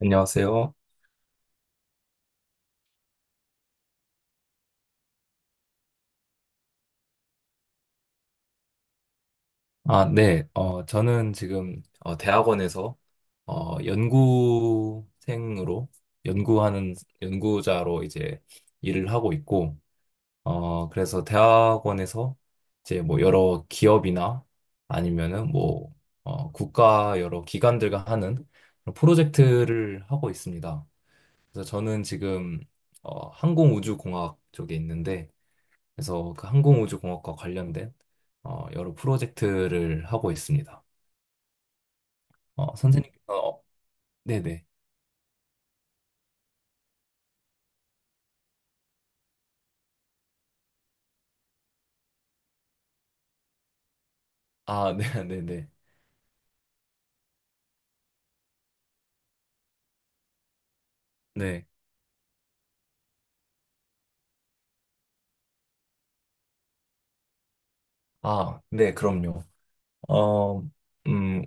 안녕하세요. 아, 네. 저는 지금 대학원에서 연구생으로 연구하는 연구자로 이제 일을 하고 있고, 그래서 대학원에서 이제 뭐 여러 기업이나 아니면은 뭐 국가 여러 기관들과 하는 그런 프로젝트를 하고 있습니다. 그래서 저는 지금 항공우주공학 쪽에 있는데, 그래서 그 항공우주공학과 관련된 여러 프로젝트를 하고 있습니다. 선생님, 네네. 아, 네, 네네. 네. 아, 네, 그럼요. 어, 음,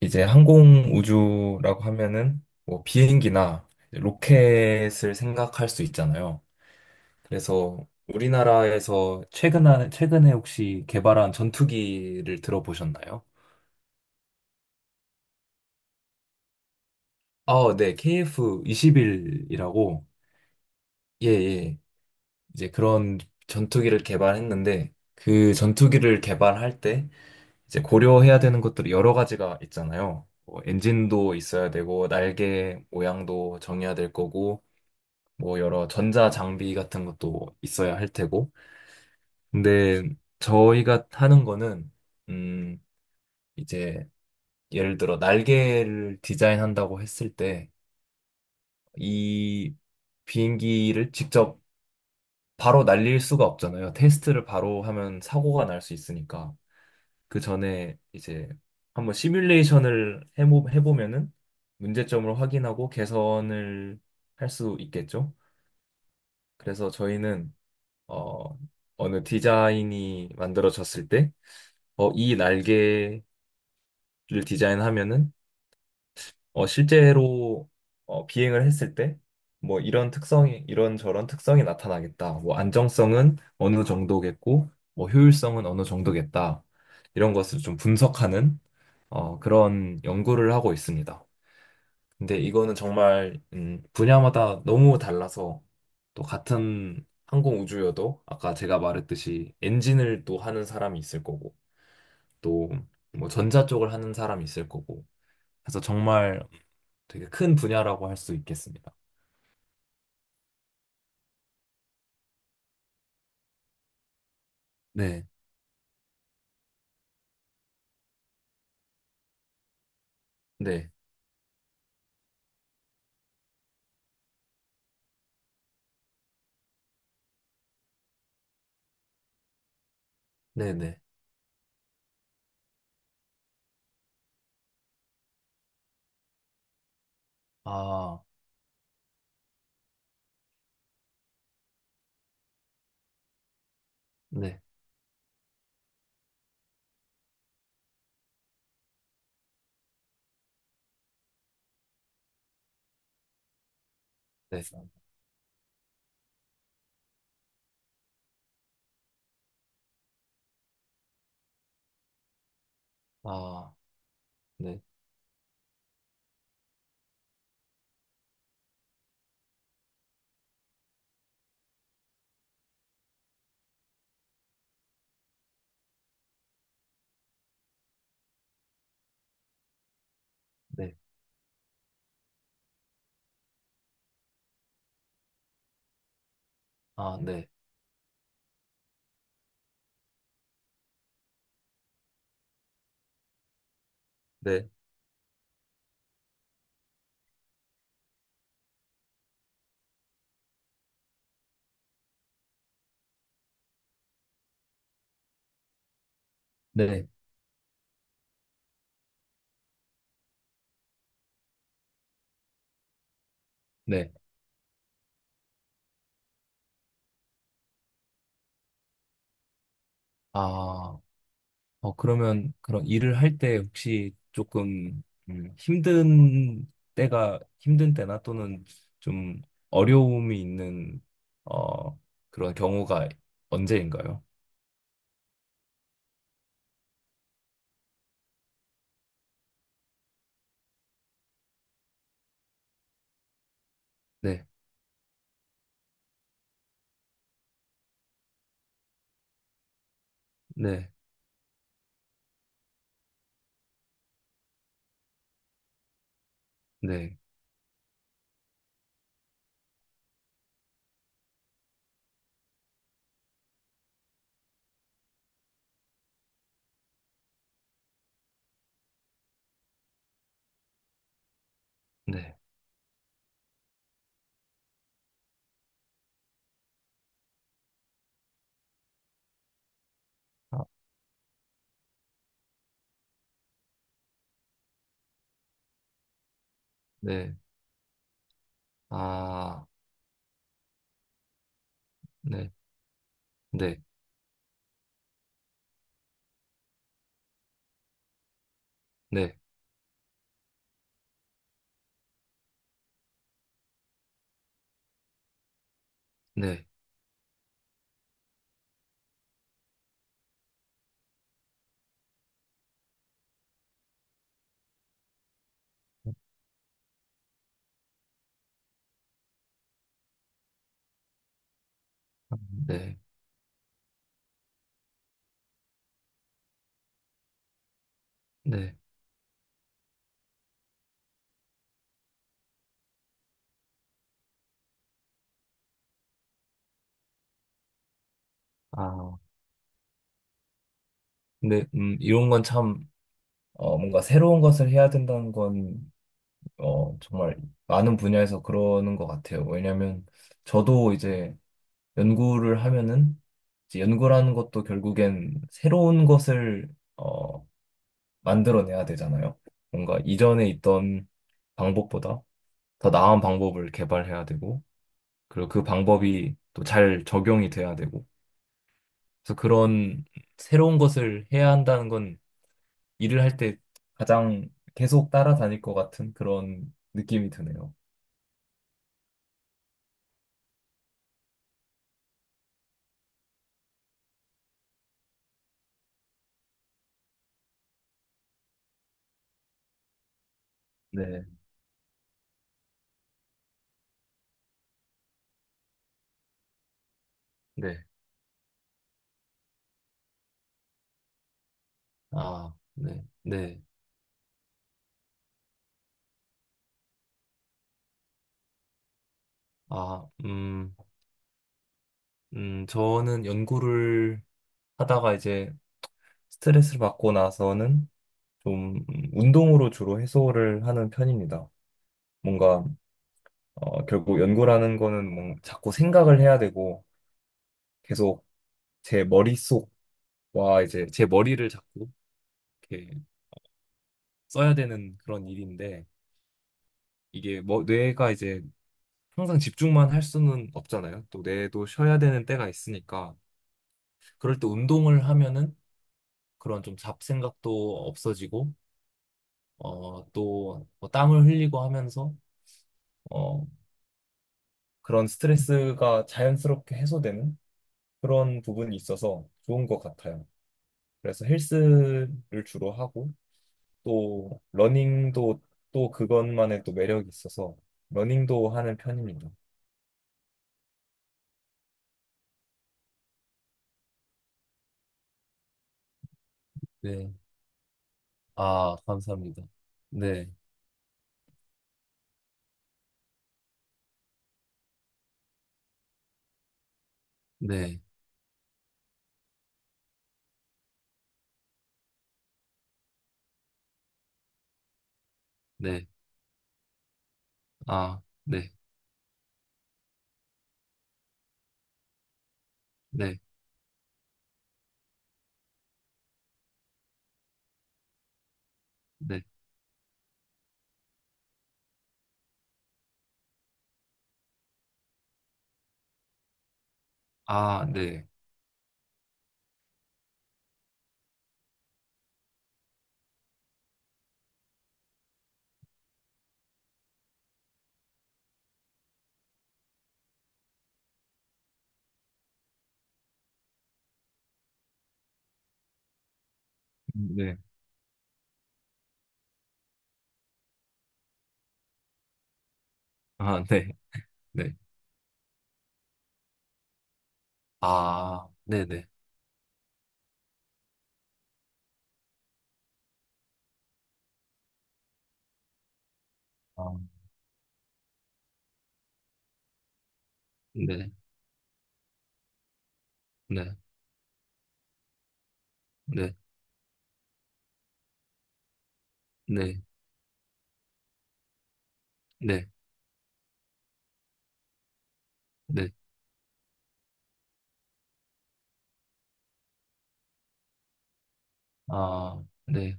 이제 항공우주라고 하면은 뭐 비행기나 이제 로켓을 생각할 수 있잖아요. 그래서 우리나라에서 최근에 혹시 개발한 전투기를 들어보셨나요? 아, 네, KF-21이라고, 예, 예. 이제 그런 전투기를 개발했는데 그 전투기를 개발할 때 이제 고려해야 되는 것들이 여러 가지가 있잖아요. 뭐 엔진도 있어야 되고 날개 모양도 정해야 될 거고 뭐 여러 전자 장비 같은 것도 있어야 할 테고. 근데 저희가 하는 거는 음 이제 예를 들어 날개를 디자인한다고 했을 때 이 비행기를 직접 바로 날릴 수가 없잖아요. 테스트를 바로 하면 사고가 날 수 있으니까. 그 전에 이제 한번 시뮬레이션을 해보면은 문제점을 확인하고 개선을 할 수 있겠죠. 그래서 저희는 어, 어느 디자인이 만들어졌을 때 이 날개를 디자인하면은 실제로 비행을 했을 때 뭐 이런 저런 특성이 나타나겠다. 뭐 안정성은 어느 정도겠고 뭐 효율성은 어느 정도겠다. 이런 것을 좀 분석하는 그런 연구를 하고 있습니다. 근데 이거는 정말 분야마다 너무 달라서 또 같은 항공 우주여도 아까 제가 말했듯이 엔진을 또 하는 사람이 있을 거고 또 뭐 전자 쪽을 하는 사람이 있을 거고 그래서 정말 되게 큰 분야라고 할 수 있겠습니다. 네, 네, 네, 네. 아, 네, 네. 아, 네, 네. 아, 네, 네, 네. 네. 아. 그러면 그런 일을 할 때 혹시 조금 힘든 때나 또는 좀 어려움이 있는 어, 그런 경우가 언제인가요? 네, 네, 네, 네, 아, 네, 아, 네, 네, 네, 네, 네, 네, 아, 근데 이런 건 참 뭔가 새로운 것을 해야 된다는 건 정말 많은 분야에서 그러는 것 같아요. 왜냐면 저도 이제 연구를 하면은 이제 연구라는 것도 결국엔 새로운 것을 어, 만들어내야 되잖아요. 뭔가 이전에 있던 방법보다 더 나은 방법을 개발해야 되고, 그리고 그 방법이 또 잘 적용이 돼야 되고. 그래서 그런 새로운 것을 해야 한다는 건 일을 할 때 가장 계속 따라다닐 것 같은 그런 느낌이 드네요. 네. 네. 아, 네, 네. 아, 저는 연구를 하다가 이제 스트레스를 받고 나서는 좀 운동으로 주로 해소를 하는 편입니다. 뭔가, 결국 연구라는 거는 뭔 자꾸 생각을 해야 되고 계속 제 머릿속과 이제 제 머리를 자꾸 이렇게 써야 되는 그런 일인데 이게 뭐 뇌가 이제 항상 집중만 할 수는 없잖아요. 또 뇌도 쉬어야 되는 때가 있으니까 그럴 때 운동을 하면은 그런 좀 잡생각도 없어지고 또뭐 땀을 흘리고 하면서 어, 그런 스트레스가 자연스럽게 해소되는 그런 부분이 있어서 좋은 것 같아요. 그래서 헬스를 주로 하고 또 러닝도 또 그것만의 또 매력이 있어서 러닝도 하는 편입니다. 네. 아, 감사합니다. 네. 네. 네. 아, 네. 네. 네. 아, 네. 네. 아, 네. 네. 아, 네네. 아, 네, 네, 네, 네, 네, 네, 아, 네,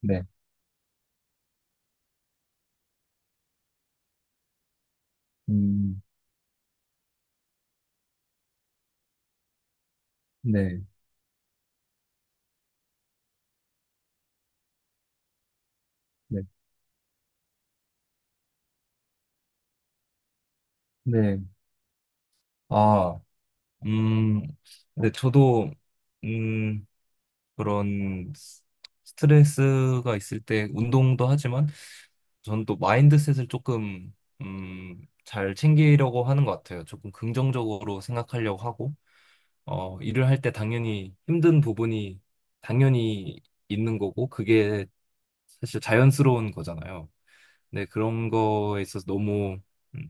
네, 음, 네, 네, 네, 아, 음, 네, 저도, 음, 그런 스트레스가 있을 때 운동도 하지만, 저는 또 마인드셋을 조금, 잘 챙기려고 하는 것 같아요. 조금 긍정적으로 생각하려고 하고, 일을 할 때 당연히 힘든 부분이 당연히 있는 거고, 그게 사실 자연스러운 거잖아요. 근데 그런 거에 있어서 너무, 음,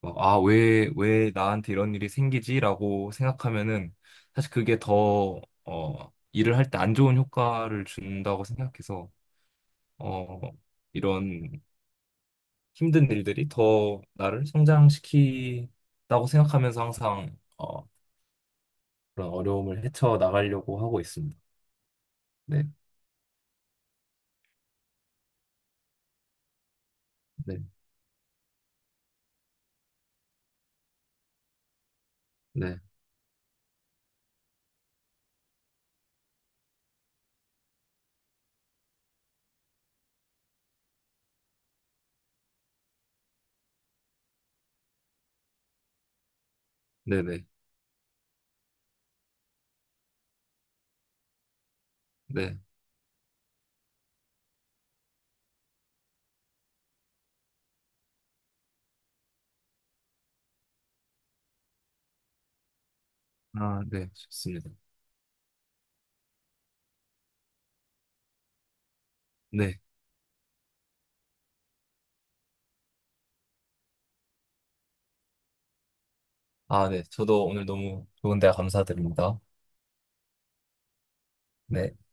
뭐, 아, 왜 나한테 이런 일이 생기지라고 생각하면은 사실 그게 더, 일을 할 때 안 좋은 효과를 준다고 생각해서, 어, 이런 힘든 일들이 더 나를 성장시키다고 생각하면서 항상, 그런 어려움을 헤쳐 나가려고 하고 있습니다. 네. 네, 네, 네, 네, 네. 아, 네, 좋습니다. 네. 아, 네. 저도 오늘 너무 좋은 대화 감사드립니다. 네.